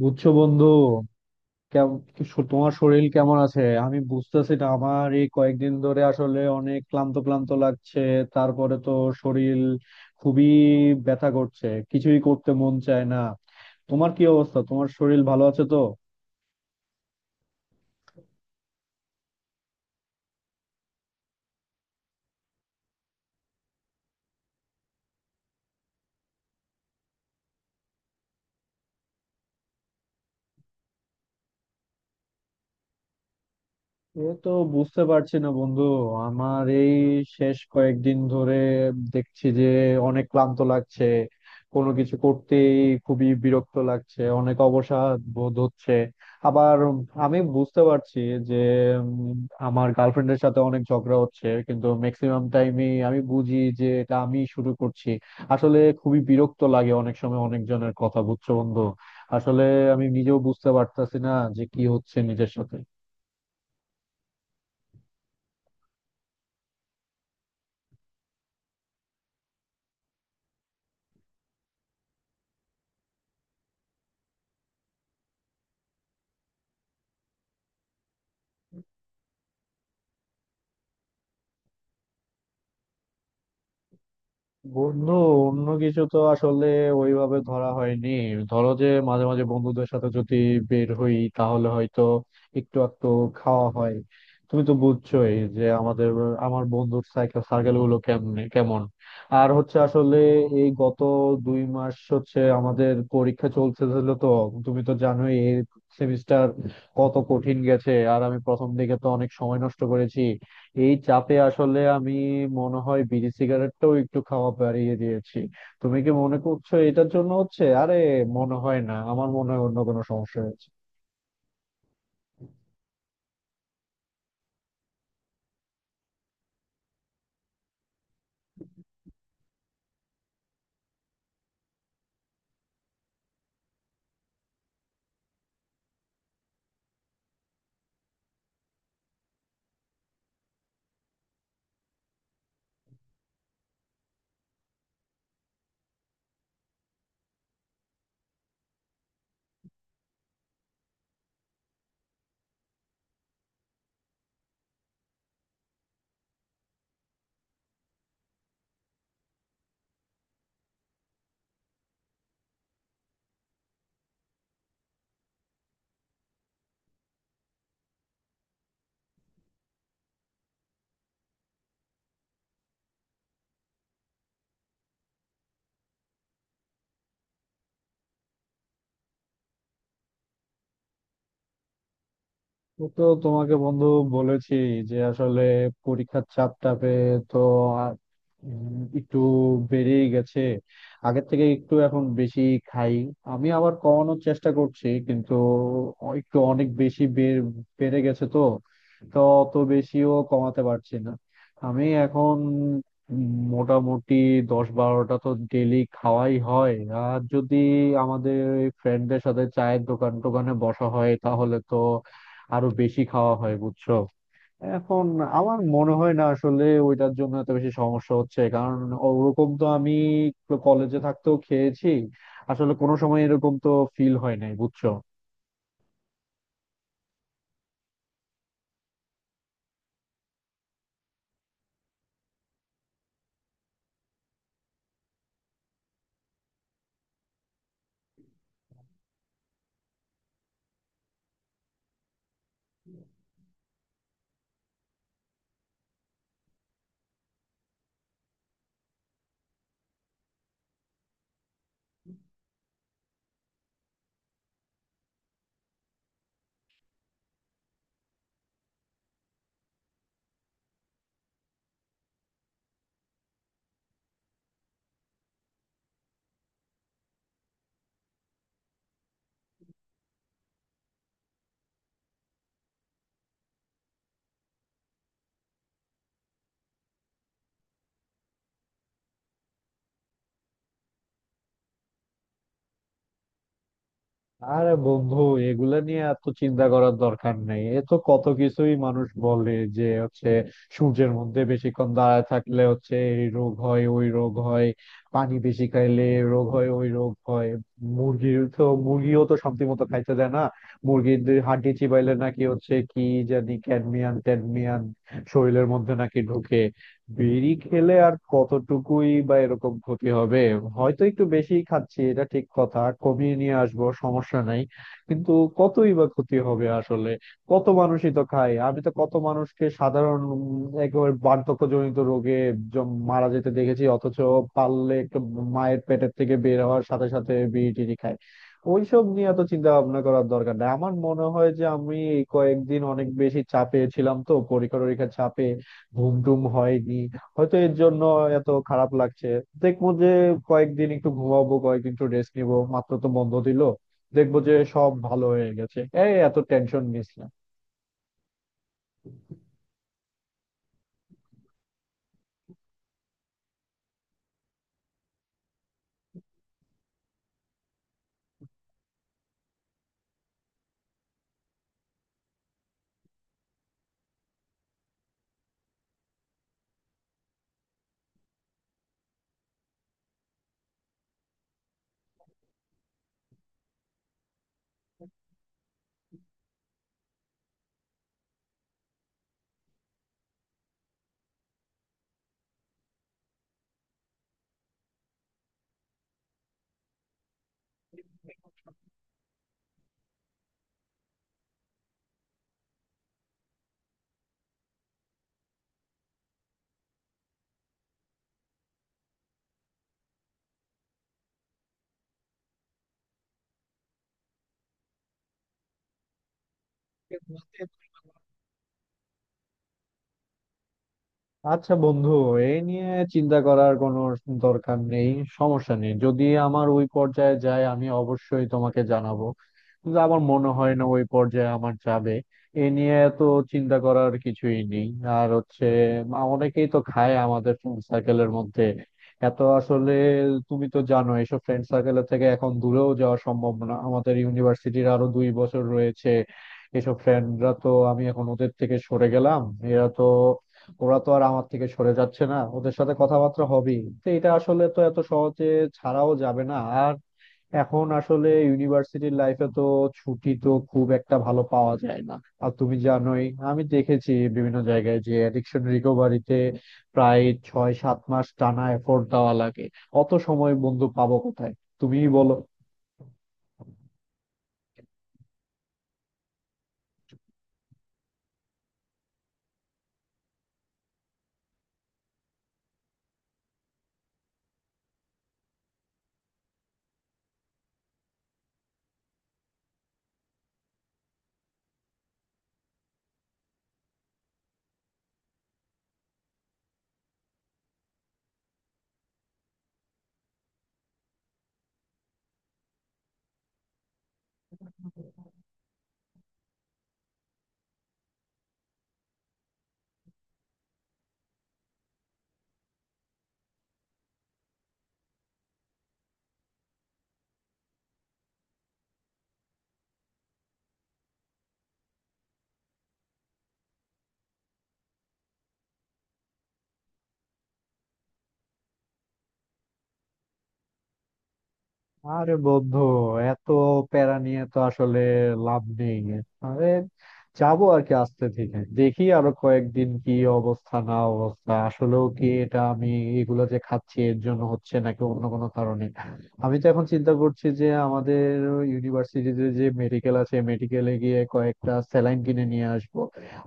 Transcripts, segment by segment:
বুঝছো, বন্ধু? তোমার শরীর কেমন আছে? আমি বুঝতেছি না, আমার এই কয়েকদিন ধরে আসলে অনেক ক্লান্ত ক্লান্ত লাগছে। তারপরে তো শরীর খুবই ব্যথা করছে, কিছুই করতে মন চায় না। তোমার কি অবস্থা? তোমার শরীর ভালো আছে তো? এ তো বুঝতে পারছি না বন্ধু। আমার এই শেষ কয়েকদিন ধরে দেখছি যে অনেক ক্লান্ত লাগছে। কোনো কিছু করতেই খুবই বিরক্ত লাগছে, অনেক অবসাদ বোধ হচ্ছে। আবার আমি বুঝতে পারছি যে উম, আমার গার্লফ্রেন্ডের সাথে অনেক ঝগড়া হচ্ছে, কিন্তু ম্যাক্সিমাম টাইমে আমি বুঝি যে এটা আমি শুরু করছি। আসলে খুবই বিরক্ত লাগে অনেক সময় অনেকজনের কথা, বুঝছো বন্ধু? আসলে আমি নিজেও বুঝতে পারতাছি না যে কি হচ্ছে নিজের সাথে। বন্ধু, অন্য কিছু তো আসলে ওইভাবে ধরা হয়নি। ধরো, যে মাঝে মাঝে বন্ধুদের সাথে যদি বের হই, তাহলে হয়তো একটু একটু খাওয়া হয়। তুমি তো বুঝছোই যে আমার বন্ধুর সার্কেল গুলো কেমনে কেমন। আর হচ্ছে আসলে, এই গত 2 মাস হচ্ছে আমাদের পরীক্ষা চলতেছিল তো। তুমি তো জানোই এই সেমিস্টার কত কঠিন গেছে, আর আমি প্রথম দিকে তো অনেক সময় নষ্ট করেছি। এই চাপে আসলে আমি মনে হয় বিড়ি সিগারেটটাও একটু খাওয়া বাড়িয়ে দিয়েছি। তুমি কি মনে করছো এটার জন্য হচ্ছে? আরে মনে হয় না, আমার মনে হয় অন্য কোনো সমস্যা হয়েছে। ও তো তোমাকে বন্ধু বলেছি যে আসলে পরীক্ষার চাপটা পেয়ে তো আর একটু বেড়েই গেছে। আগের থেকে একটু এখন বেশি খাই। আমি আবার কমানোর চেষ্টা করছি, কিন্তু একটু অনেক বেশি বেড়ে গেছে তো। তো অত বেশিও কমাতে পারছি না। আমি এখন মোটামুটি 10-12টা তো ডেলি খাওয়াই হয়। আর যদি আমাদের ফ্রেন্ডদের সাথে চায়ের দোকান টোকানে বসা হয়, তাহলে তো আরো বেশি খাওয়া হয়, বুঝছো? এখন আমার মনে হয় না আসলে ওইটার জন্য এত বেশি সমস্যা হচ্ছে, কারণ ওরকম তো আমি কলেজে থাকতেও খেয়েছি। আসলে কোনো সময় এরকম তো ফিল হয় নাই, বুঝছো? আরে বন্ধু, এগুলা নিয়ে এত চিন্তা করার দরকার নেই। এ তো কত কিছুই মানুষ বলে, যে হচ্ছে সূর্যের মধ্যে বেশিক্ষণ দাঁড়ায় থাকলে হচ্ছে এই রোগ হয় ওই রোগ হয়। পানি বেশি খাইলে এ রোগ হয় ওই রোগ হয়। মুরগির তো, মুরগিও তো শান্তি মতো খাইতে দেয় না। মুরগির দুই হাড্ডি চিবাইলে নাকি হচ্ছে কি জানি ক্যাডমিয়ান ট্যাডমিয়ান শরীরের মধ্যে নাকি ঢুকে। বিড়ি খেলে আর কতটুকুই বা এরকম ক্ষতি হবে? হয়তো একটু বেশি খাচ্ছি, এটা ঠিক কথা, কমিয়ে নিয়ে আসবো, সমস্যা নাই। কিন্তু কতই বা ক্ষতি হবে আসলে? কত মানুষই তো খায়। আমি তো কত মানুষকে সাধারণ, একেবারে বার্ধক্যজনিত রোগে মারা যেতে দেখেছি, অথচ পারলে একটু মায়ের পেটের থেকে বের হওয়ার সাথে সাথে বিড়ি টিড়ি খায়। ওইসব নিয়ে এত চিন্তা ভাবনা করার দরকার নাই। আমার মনে হয় যে আমি এই কয়েকদিন অনেক বেশি চাপে ছিলাম তো, পরীক্ষা টরীক্ষার চাপে। ঘুম টুম হয়নি, হয়তো এর জন্য এত খারাপ লাগছে। দেখবো যে কয়েকদিন একটু ঘুমাবো, কয়েকদিন একটু রেস্ট নিবো, মাত্র তো বন্ধ দিল। দেখবো যে সব ভালো হয়ে গেছে। এই, এত টেনশন নিস না। আচ্ছা বন্ধু, এই নিয়ে চিন্তা করার কোনো দরকার নেই। সমস্যা নেই, যদি আমার ওই পর্যায়ে যায় আমি অবশ্যই তোমাকে জানাবো। কিন্তু আমার মনে হয় না ওই পর্যায়ে আমার যাবে। এ নিয়ে তো চিন্তা করার কিছুই নেই। আর হচ্ছে, অনেকেই তো খায় আমাদের ফ্রেন্ড সার্কেলের মধ্যে। এত আসলে, তুমি তো জানো এইসব ফ্রেন্ড সার্কেলের থেকে এখন দূরেও যাওয়া সম্ভব না, আমাদের ইউনিভার্সিটির আরো 2 বছর রয়েছে। এসব ফ্রেন্ডরা তো, আমি এখন ওদের থেকে সরে গেলাম, এরা তো, ওরা তো আর আমার থেকে সরে যাচ্ছে না, ওদের সাথে কথাবার্তা হবেই তো, এটা আসলে তো এত সহজে ছাড়াও যাবে না। আর এখন আসলে ইউনিভার্সিটির লাইফে তো ছুটি তো খুব একটা ভালো পাওয়া যায় না। আর তুমি জানোই, আমি দেখেছি বিভিন্ন জায়গায় যে অ্যাডিকশন রিকভারিতে প্রায় 6-7 মাস টানা এফোর্ট দেওয়া লাগে। অত সময় বন্ধু পাবো কোথায়? তুমিই বলো। আরে বন্ধু, এত প্যারা নিয়ে তো আসলে লাভ নেই। আরে, যাবো আর কি, আস্তে ধীরে দেখি আরো কয়েকদিন কি অবস্থা না অবস্থা, আসলেও কি এটা আমি এগুলো যে খাচ্ছি এর জন্য হচ্ছে নাকি অন্য কোনো কারণে। আমি তো এখন চিন্তা করছি যে আমাদের ইউনিভার্সিটিতে যে মেডিকেল আছে, মেডিকেলে গিয়ে কয়েকটা স্যালাইন কিনে নিয়ে আসবো।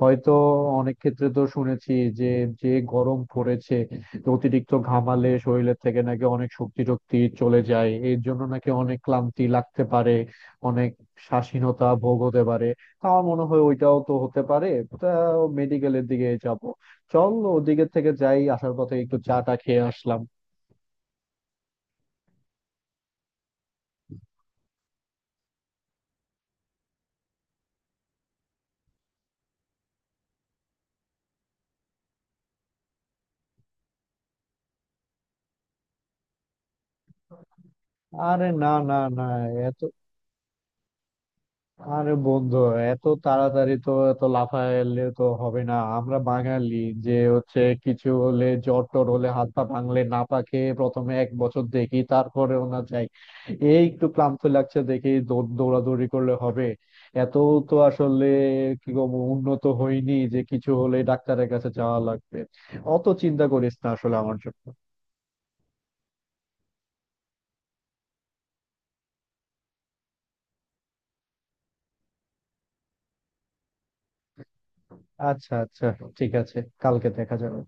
হয়তো অনেক ক্ষেত্রে তো শুনেছি যে যে গরম পড়েছে, অতিরিক্ত ঘামালে শরীরের থেকে নাকি অনেক শক্তি টক্তি চলে যায়, এর জন্য নাকি অনেক ক্লান্তি লাগতে পারে, অনেক স্বাধীনতা ভোগ হতে পারে। তা আমার মনে হয় ওইটাও তো হতে পারে। তা মেডিকেলের দিকে যাব, চল ওদিকের থেকে যাই, আসার পথে একটু চা টা খেয়ে আসলাম। আরে, না, না, না, এত, আরে বন্ধু, এত তাড়াতাড়ি তো, এত লাফাইলে তো হবে না, আমরা বাঙালি। যে হচ্ছে কিছু হলে, জ্বর টর হলে, হাত পা ভাঙলে না পাকে, প্রথমে 1 বছর দেখি তারপরেও না যাই। এই একটু ক্লান্ত লাগছে, দেখি দৌড়াদৌড়ি করলে হবে। এত তো আসলে কি বলবো, উন্নত হয়নি যে কিছু হলে ডাক্তারের কাছে যাওয়া লাগবে। অত চিন্তা করিস না আসলে আমার জন্য। আচ্ছা, আচ্ছা, ঠিক আছে, কালকে দেখা যাবে।